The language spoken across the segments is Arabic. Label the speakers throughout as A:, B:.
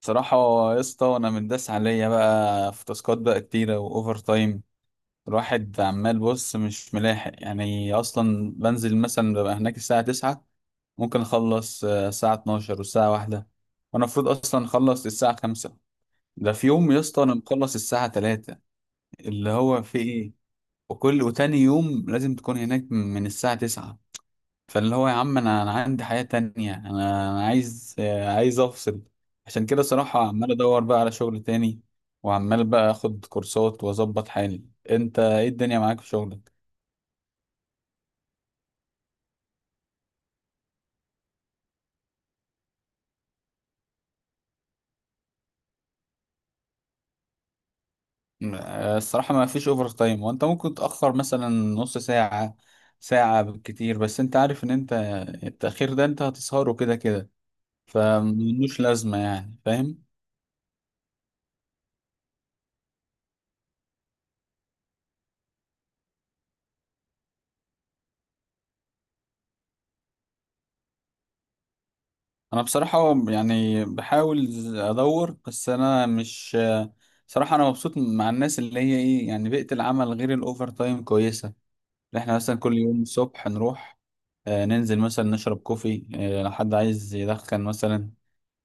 A: صراحة يا اسطى، أنا متداس عليا بقى في تاسكات بقى كتيرة وأوفر تايم. الواحد عمال بص مش ملاحق، يعني أصلا بنزل مثلا ببقى هناك الساعة تسعة، ممكن أخلص الساعة اتناشر والساعة واحدة، وأنا المفروض أصلا أخلص الساعة خمسة. ده في يوم يا اسطى أنا مخلص الساعة تلاتة، اللي هو في إيه. وكل وتاني يوم لازم تكون هناك من الساعة تسعة. فاللي هو يا عم، انا عندي حياة تانية، انا أنا عايز عايز افصل. عشان كده صراحة عمال ادور بقى على شغل تاني، وعمال بقى اخد كورسات واظبط حالي. انت ايه الدنيا معاك في شغلك؟ الصراحة ما فيش اوفر تايم، وانت ممكن تأخر مثلا نص ساعة ساعة بالكتير، بس انت عارف ان انت التأخير ده انت هتسهره كده كده، فملوش لازمة، يعني فاهم. انا بصراحة يعني بحاول ادور، بس انا مش، صراحة انا مبسوط مع الناس اللي هي ايه، يعني بيئة العمل غير الاوفر تايم كويسة. اللي احنا مثلا كل يوم الصبح نروح، ننزل مثلا نشرب كوفي، لو حد عايز يدخن مثلا،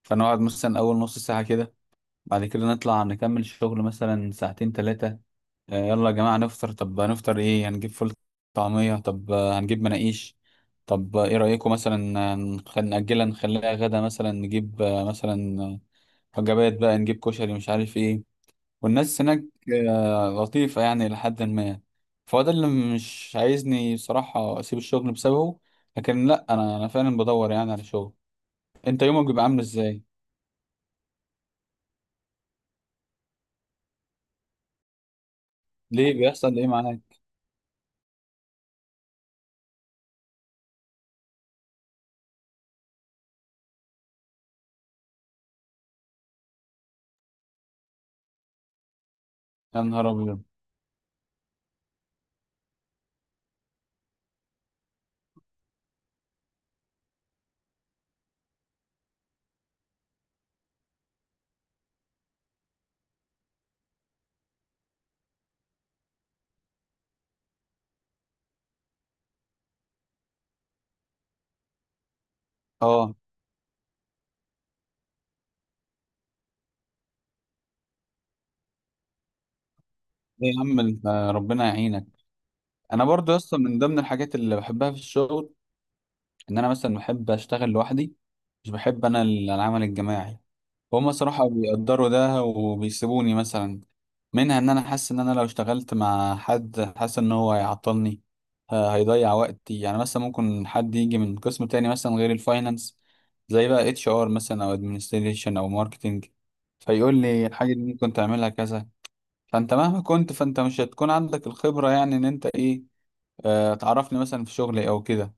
A: فنقعد مثلا اول نص ساعة كده، بعد كده نطلع نكمل شغل مثلا ساعتين تلاتة. يلا يا جماعة نفطر، طب هنفطر ايه؟ هنجيب فول طعمية؟ طب هنجيب مناقيش؟ طب ايه رأيكم مثلا نأجلها نخليها غدا، مثلا نجيب مثلا وجبات بقى، نجيب كشري مش عارف ايه. والناس هناك لطيفة يعني لحد ما. فهو ده اللي مش عايزني صراحة أسيب الشغل بسببه، لكن لأ، أنا فعلا بدور يعني على شغل. أنت يومك بيبقى عامل إزاي؟ ليه بيحصل إيه معاك؟ يا نهار أبيض. اه، ايه يا عم انت، ربنا يعينك. انا برضو يا اسطى من ضمن الحاجات اللي بحبها في الشغل، ان انا مثلا بحب اشتغل لوحدي، مش بحب انا العمل الجماعي. وهم صراحة بيقدروا ده وبيسيبوني مثلا، منها ان انا حاسس ان انا لو اشتغلت مع حد حاسس ان هو هيعطلني، هيضيع وقتي، يعني مثلا ممكن حد يجي من قسم تاني مثلا غير الفاينانس، زي بقى اتش ار مثلا او ادمنستريشن او ماركتنج، فيقول لي الحاجة دي ممكن تعملها كذا. فانت مهما كنت، فانت مش هتكون عندك الخبرة، يعني ان انت ايه، آه تعرفني مثلا في شغلي او كده،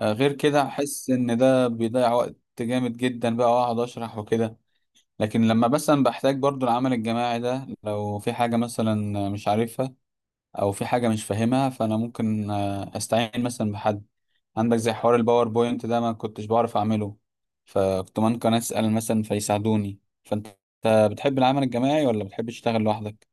A: آه غير كده احس ان ده بيضيع وقت جامد جدا بقى، واقعد اشرح وكده. لكن لما مثلا بحتاج برضو العمل الجماعي ده، لو في حاجة مثلا مش عارفها او في حاجة مش فاهمها، فانا ممكن استعين مثلا بحد عندك، زي حوار الباوربوينت ده ما كنتش بعرف اعمله، فكنت ممكن اسأل مثلا فيساعدوني. فانت بتحب العمل الجماعي ولا بتحب تشتغل لوحدك؟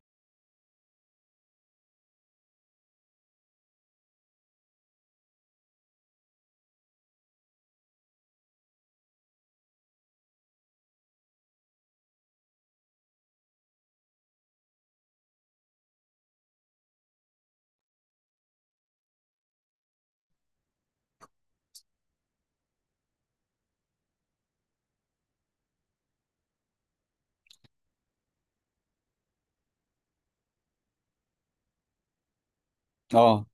A: اه،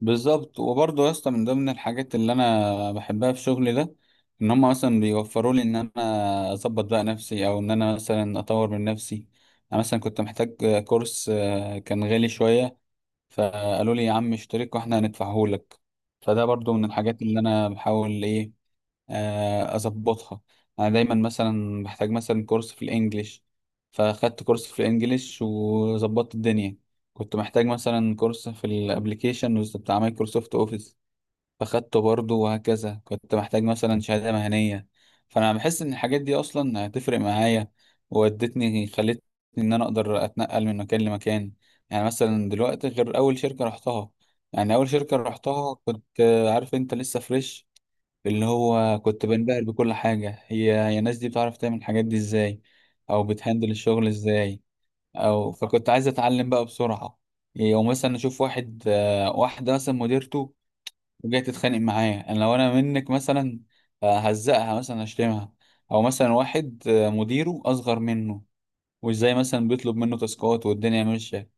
A: بالظبط. وبرضه يا اسطى من ضمن الحاجات اللي انا بحبها في شغلي ده، ان هم مثلا بيوفروا لي ان انا اظبط بقى نفسي، او ان انا مثلا اطور من نفسي. انا مثلا كنت محتاج كورس كان غالي شويه، فقالوا لي يا عم اشترك واحنا هندفعه لك. فده برضه من الحاجات اللي انا بحاول ايه، اظبطها. انا دايما مثلا بحتاج مثلا كورس في الانجليش، فاخدت كورس في الانجليش وظبطت الدنيا. كنت محتاج مثلا كورس في الابليكيشن بتاع مايكروسوفت اوفيس فاخدته برضه، وهكذا كنت محتاج مثلا شهادة مهنية. فانا بحس ان الحاجات دي اصلا هتفرق معايا، وودتني خلتني ان انا اقدر اتنقل من مكان لمكان. يعني مثلا دلوقتي غير اول شركة رحتها، يعني اول شركة رحتها كنت عارف انت لسه فريش، اللي هو كنت بنبهر بكل حاجة، هي الناس دي بتعرف تعمل الحاجات دي ازاي، او بتهندل الشغل ازاي، او فكنت عايز اتعلم بقى بسرعة. يعني او مثلا اشوف واحد واحدة مثلا مديرته وجاية تتخانق معايا، انا لو انا منك مثلا هزقها مثلا اشتمها، او مثلا واحد مديره اصغر منه، وازاي مثلا بيطلب منه تاسكات والدنيا ماشية.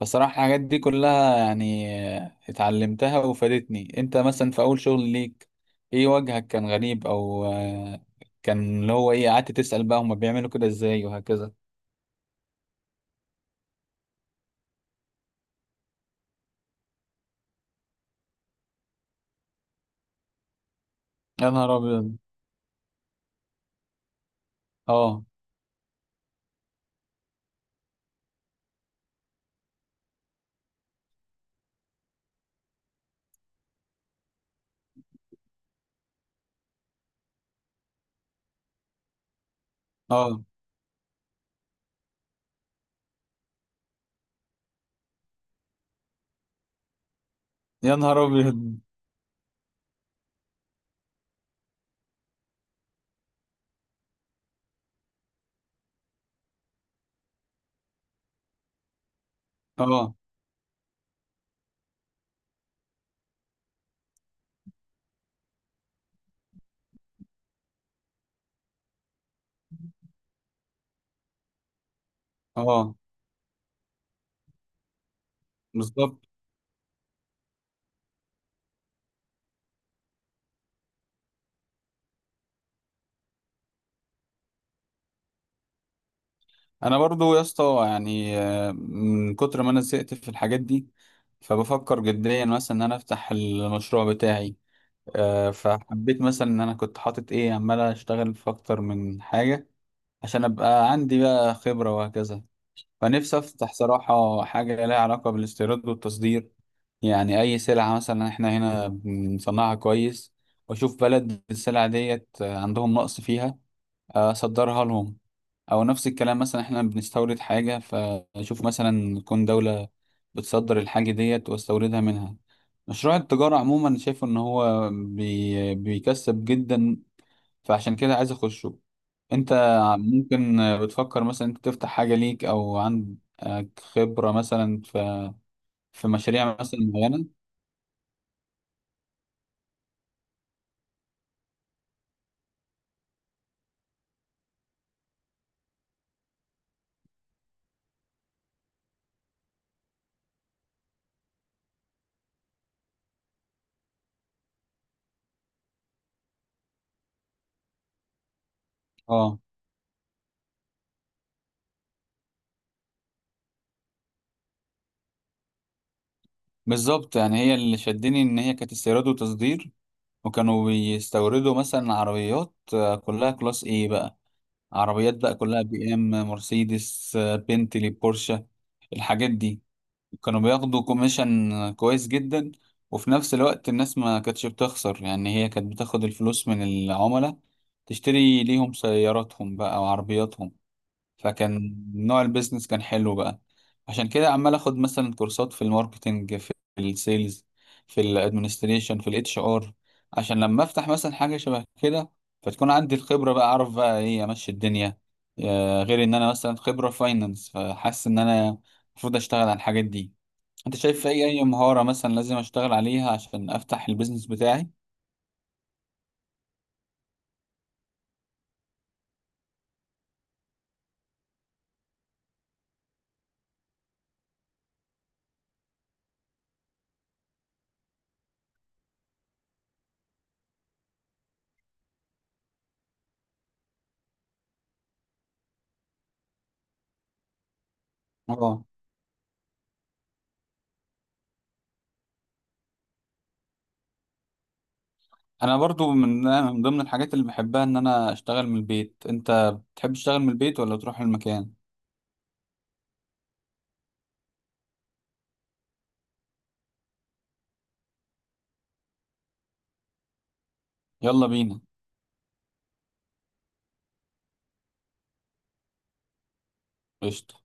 A: بصراحة الحاجات دي كلها يعني اتعلمتها وفادتني. انت مثلا في اول شغل ليك ايه وجهك كان غريب، او آه، كان اللي هو ايه، قعدت تسأل بقى هما بيعملوا كده ازاي وهكذا؟ يا نهار ابيض. اه. اه، يا نهار ابيض. اه. اه، بالظبط. انا برضو يا اسطى يعني من كتر ما انا زهقت في الحاجات دي، فبفكر جديا مثلا ان انا افتح المشروع بتاعي. فحبيت مثلا ان انا كنت حاطط ايه، عمال اشتغل في اكتر من حاجة عشان ابقى عندي بقى خبرة وهكذا. فنفسي افتح صراحة حاجة لها علاقة بالاستيراد والتصدير. يعني اي سلعة مثلا احنا هنا بنصنعها كويس، واشوف بلد السلعة ديت عندهم نقص فيها، اصدرها لهم. او نفس الكلام، مثلا احنا بنستورد حاجة، فاشوف مثلا تكون دولة بتصدر الحاجة ديت واستوردها منها. مشروع التجارة عموما شايف ان هو بيكسب جدا، فعشان كده عايز اخشه. انت ممكن بتفكر مثلا انت تفتح حاجة ليك، او عندك خبرة مثلا في في مشاريع مثلا معينة؟ اه، بالظبط. يعني هي اللي شدني ان هي كانت استيراد وتصدير، وكانوا بيستوردوا مثلا عربيات كلها كلاس ايه بقى، عربيات بقى كلها بي ام مرسيدس بنتلي بورشه، الحاجات دي. كانوا بياخدوا كوميشن كويس جدا، وفي نفس الوقت الناس ما كانتش بتخسر، يعني هي كانت بتاخد الفلوس من العملاء تشتري ليهم سياراتهم بقى وعربياتهم. فكان نوع البيزنس كان حلو بقى. عشان كده عمال اخد مثلا كورسات في الماركتينج، في السيلز، في الادمنستريشن، في الاتش ار، عشان لما افتح مثلا حاجة شبه كده فتكون عندي الخبرة بقى، اعرف بقى ايه، امشي الدنيا. غير ان انا مثلا خبرة فاينانس، فحاسس ان انا المفروض اشتغل على الحاجات دي. انت شايف في اي مهارة مثلا لازم اشتغل عليها عشان افتح البيزنس بتاعي؟ اه، انا برضو من ضمن الحاجات اللي بحبها ان انا اشتغل من البيت. انت بتحب تشتغل من البيت ولا تروح المكان؟ يلا بينا. قشطة.